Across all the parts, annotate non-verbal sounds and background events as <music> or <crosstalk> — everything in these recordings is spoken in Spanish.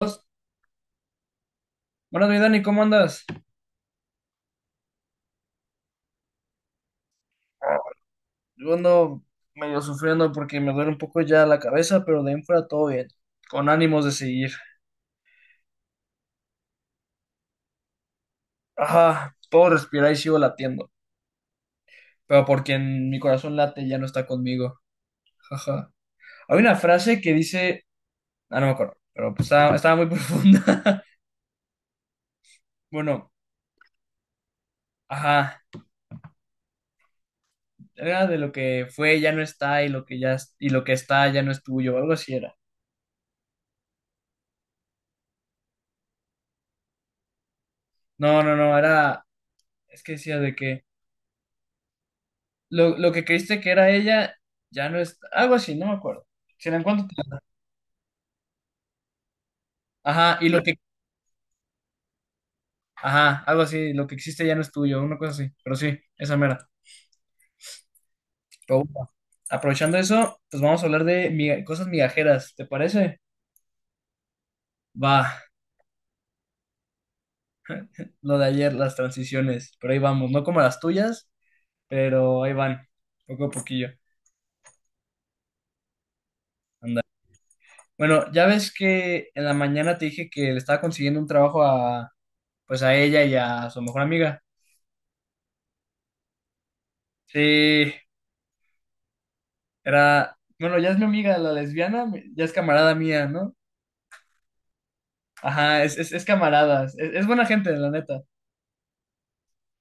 Buenas, mi Dani, ¿cómo andas? Yo ando medio sufriendo porque me duele un poco ya la cabeza, pero de ahí en fuera todo bien, con ánimos de seguir. Ajá, puedo respirar y sigo latiendo, pero porque en mi corazón late ya no está conmigo. Ajá. Hay una frase que dice, no me acuerdo, pero pues estaba muy <laughs> profunda. Bueno, ajá, era de lo que fue ya no está y lo que está ya no es tuyo, algo así era. No, no, no, era, es que decía de que lo que creíste que era ella ya no es, algo así, no me acuerdo. Si la encuentro, te. Ajá, y lo que, ajá, algo así, lo que existe ya no es tuyo, una cosa así, pero sí, esa mera. Pero bueno, aprovechando eso, pues vamos a hablar de cosas migajeras, ¿te parece? Va, lo de ayer, las transiciones, pero ahí vamos, no como las tuyas, pero ahí van, poco a poquillo. Anda. Bueno, ya ves que en la mañana te dije que le estaba consiguiendo un trabajo a, pues a ella y a su mejor amiga. Sí, era, bueno, ya es mi amiga, la lesbiana, ya es camarada mía, ¿no? Ajá, es camarada, es buena gente, la neta.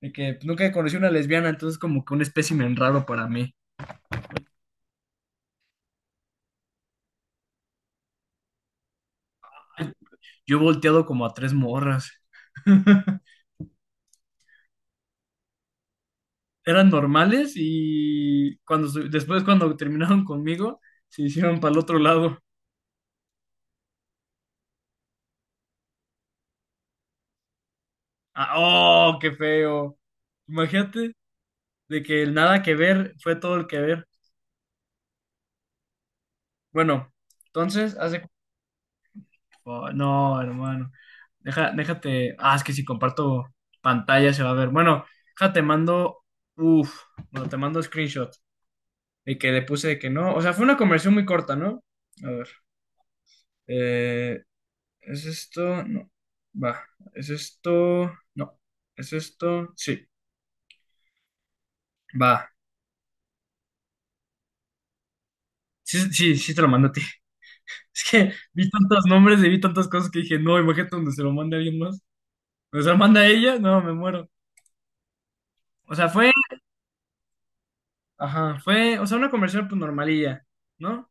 De que nunca conocí una lesbiana, entonces como que un espécimen raro para mí. Yo he volteado como a tres morras. <laughs> Eran normales y después cuando terminaron conmigo, se hicieron para el otro lado. Ah, ¡Oh, qué feo! Imagínate de que el nada que ver fue todo el que ver. Bueno, entonces, hace. Oh, no, hermano. Déjate. Ah, es que si comparto pantalla se va a ver. Bueno, déjate, te mando. Uf, bueno, te mando screenshot de que le puse de que no. O sea, fue una conversión muy corta, ¿no? A ver. eh, ¿Es esto? No. Va. ¿Es esto? No. ¿Es esto? Sí. Va. Sí, sí, sí te lo mando a ti. <laughs> Es que vi tantos nombres y vi tantas cosas que dije, no, imagínate donde se lo mande a alguien más. Donde se lo manda a ella, no, me muero. O sea, fue. Ajá, fue, o sea, una conversación pues normalilla, ¿no?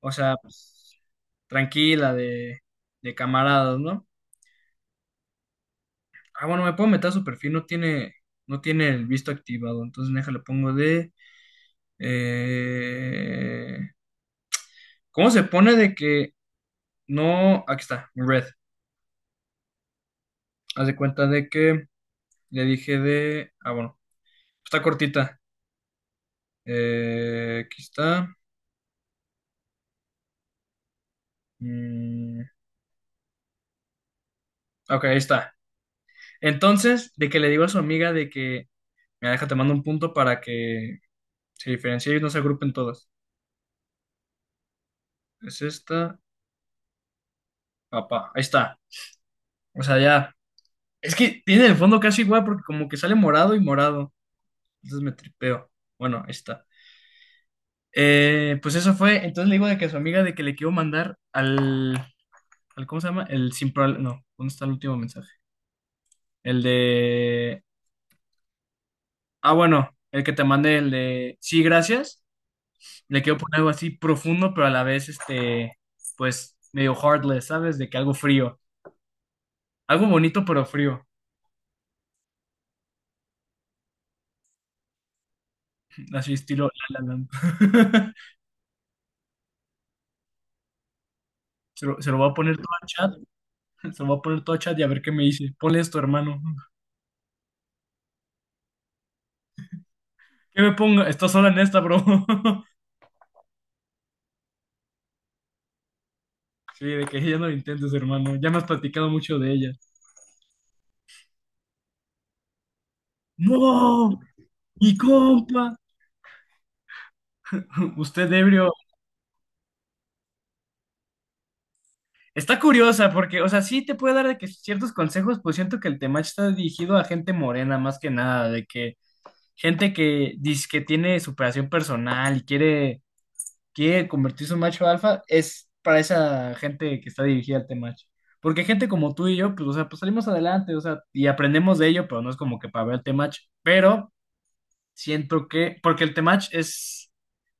O sea, pues, tranquila, de camaradas, ¿no? Ah, bueno, me puedo meter a su perfil, no tiene el visto activado, entonces déjale, pongo de... eh, ¿Cómo se pone de que no... Aquí está, red. Haz de cuenta de que le dije de... Ah, bueno, está cortita. Aquí está. Mm, ok, ahí está. Entonces, de que le digo a su amiga de que... Mira, déjate, mando un punto para que se diferencie y no se agrupen todas. Es esta, papá. Ahí está. O sea, ya. Es que tiene el fondo casi igual porque como que sale morado y morado. Entonces me tripeo. Bueno, ahí está. Pues eso fue. Entonces le digo de que a su amiga de que le quiero mandar al, ¿cómo se llama? El sin prob- No, ¿dónde está el último mensaje? El de... Ah, bueno, el que te mandé, el de... Sí, gracias. Le quiero poner algo así profundo, pero a la vez, pues, medio heartless, ¿sabes? De que algo frío. Algo bonito pero frío, así estilo La La Land. <laughs> Se lo voy a poner todo a chat, <laughs> se lo voy a poner todo a chat y a ver qué me dice. Ponle esto, hermano. ¿Qué me pongo? Estás sola en esta, bro. <laughs> Sí, de que ya no lo intentes, hermano. Ya me has platicado mucho de ella. ¡No! ¡Mi compa! <laughs> Usted ebrio. Está curiosa porque, o sea, sí te puede dar de que ciertos consejos, pues siento que el tema está dirigido a gente morena más que nada, de que gente que dice que tiene superación personal y quiere convertirse en macho alfa, es para esa gente que está dirigida al Temach. Porque gente como tú y yo, pues, o sea, pues salimos adelante, o sea, y aprendemos de ello, pero no es como que para ver el Temach. Pero siento que, porque el Temach es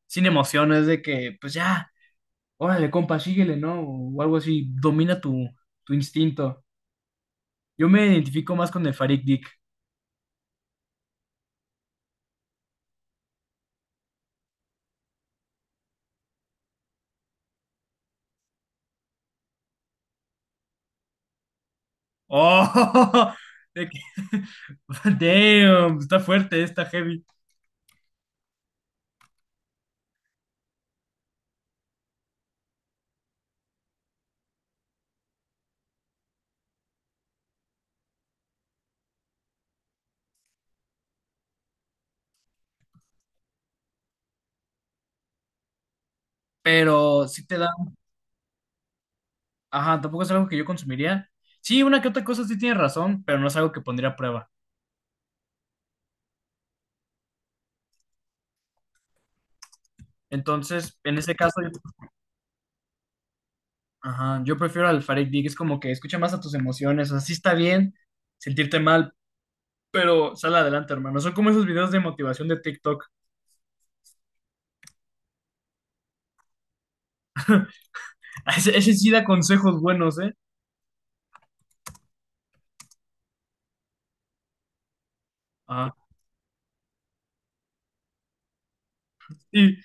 sin emociones de que, pues ya, órale, compa, síguele, ¿no? O algo así, domina tu instinto. Yo me identifico más con el Farid Dick. ¡Oh! <laughs> De que, <laughs> damn, está fuerte, está heavy. Pero sí te da. Ajá, tampoco es algo que yo consumiría. Sí, una que otra cosa sí tiene razón, pero no es algo que pondría a prueba. Entonces, en ese caso, yo, ajá, yo prefiero al Farid Dig, es como que escucha más a tus emociones, o sea, sí está bien sentirte mal, pero sal adelante, hermano. Son como esos videos de motivación de TikTok. <laughs> Ese sí da consejos buenos, ¿eh? Ajá. Y,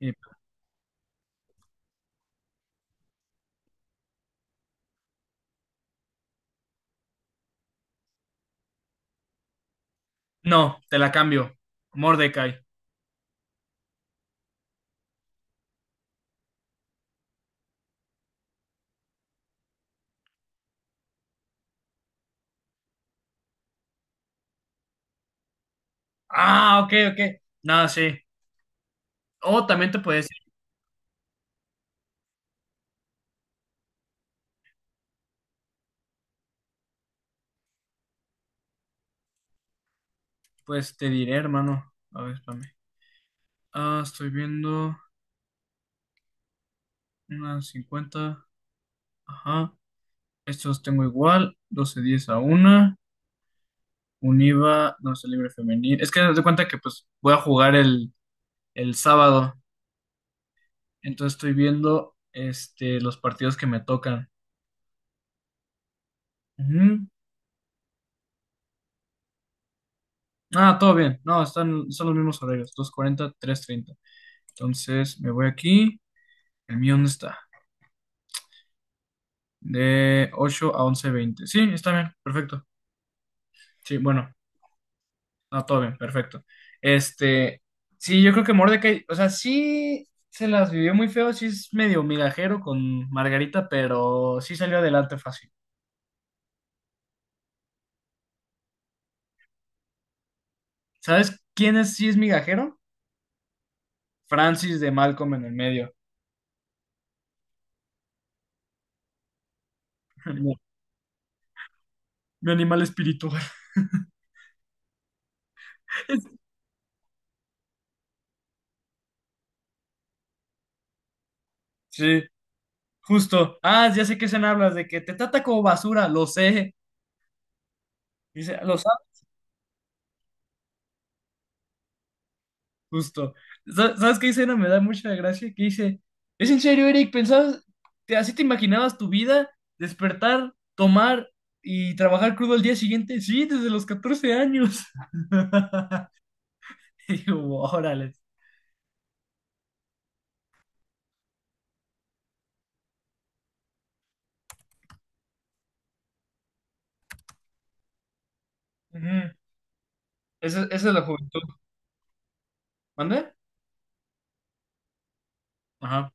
y- no, te la cambio. Mordecai. Ah, ok, ok. Nada, sí. O también te puedes decir, pues te diré, hermano. A ver, espérame. Ah, estoy viendo unas 50. Ajá. Estos tengo igual. 12:10 a una Univa, sé, libre femenil. Es que haz de cuenta que pues voy a jugar el sábado. Entonces estoy viendo los partidos que me tocan. Ujú. Ah, todo bien. No, son los mismos horarios. 2:40, 3:30. Entonces me voy aquí. ¿El mío dónde está? De 8 a 11:20. Sí, está bien. Perfecto. Sí, bueno. No, todo bien, perfecto. Este, sí, yo creo que Mordecai, o sea, sí se las vivió muy feo, sí es medio migajero con Margarita, pero sí salió adelante fácil. ¿Sabes quién es, sí es migajero? Francis de Malcolm en el medio. <laughs> Mi animal espiritual. <laughs> Sí, justo. Ah, ya sé que se hablas de que te trata como basura, lo sé. Dice, lo sabes. Justo. ¿Sabes qué escena me da mucha gracia? Que dice, ¿es en serio, Eric? ¿Pensabas, así te imaginabas tu vida? ¿Despertar, tomar y trabajar crudo al día siguiente? Sí, desde los 14 años. <laughs> Y digo, órale. Ujú. Esa es la juventud. ¿Mande? Ajá.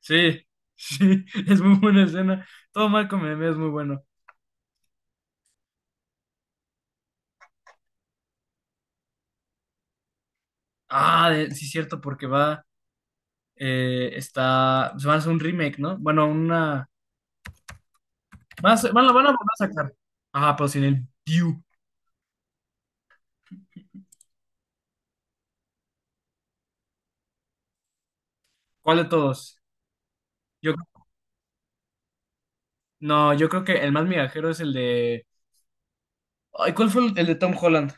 Sí, sí, <laughs> es muy buena escena. Todo mal con Meme es muy bueno. Ah, sí, cierto, porque va, se van a hacer un remake, ¿no? Bueno, una Van a, ser- van, a van a volver a sacar. Ajá, pero sin el view. ¿Cuál de todos? Yo, no, yo creo que el más migajero es el de. Ay, ¿cuál fue el de Tom Holland?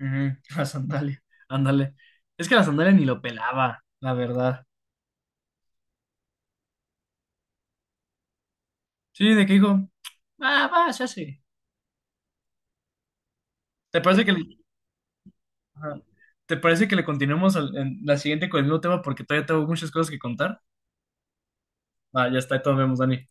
Ujú, <laughs> la sandalia. Ándale. Es que la sandalia ni lo pelaba, la verdad. Sí, de que dijo, va, se hace. ¿Te parece que le, ajá. ¿Te parece que le continuemos en la siguiente con el nuevo tema? Porque todavía tengo muchas cosas que contar. Ah, ya está, ahí todos vemos, Dani.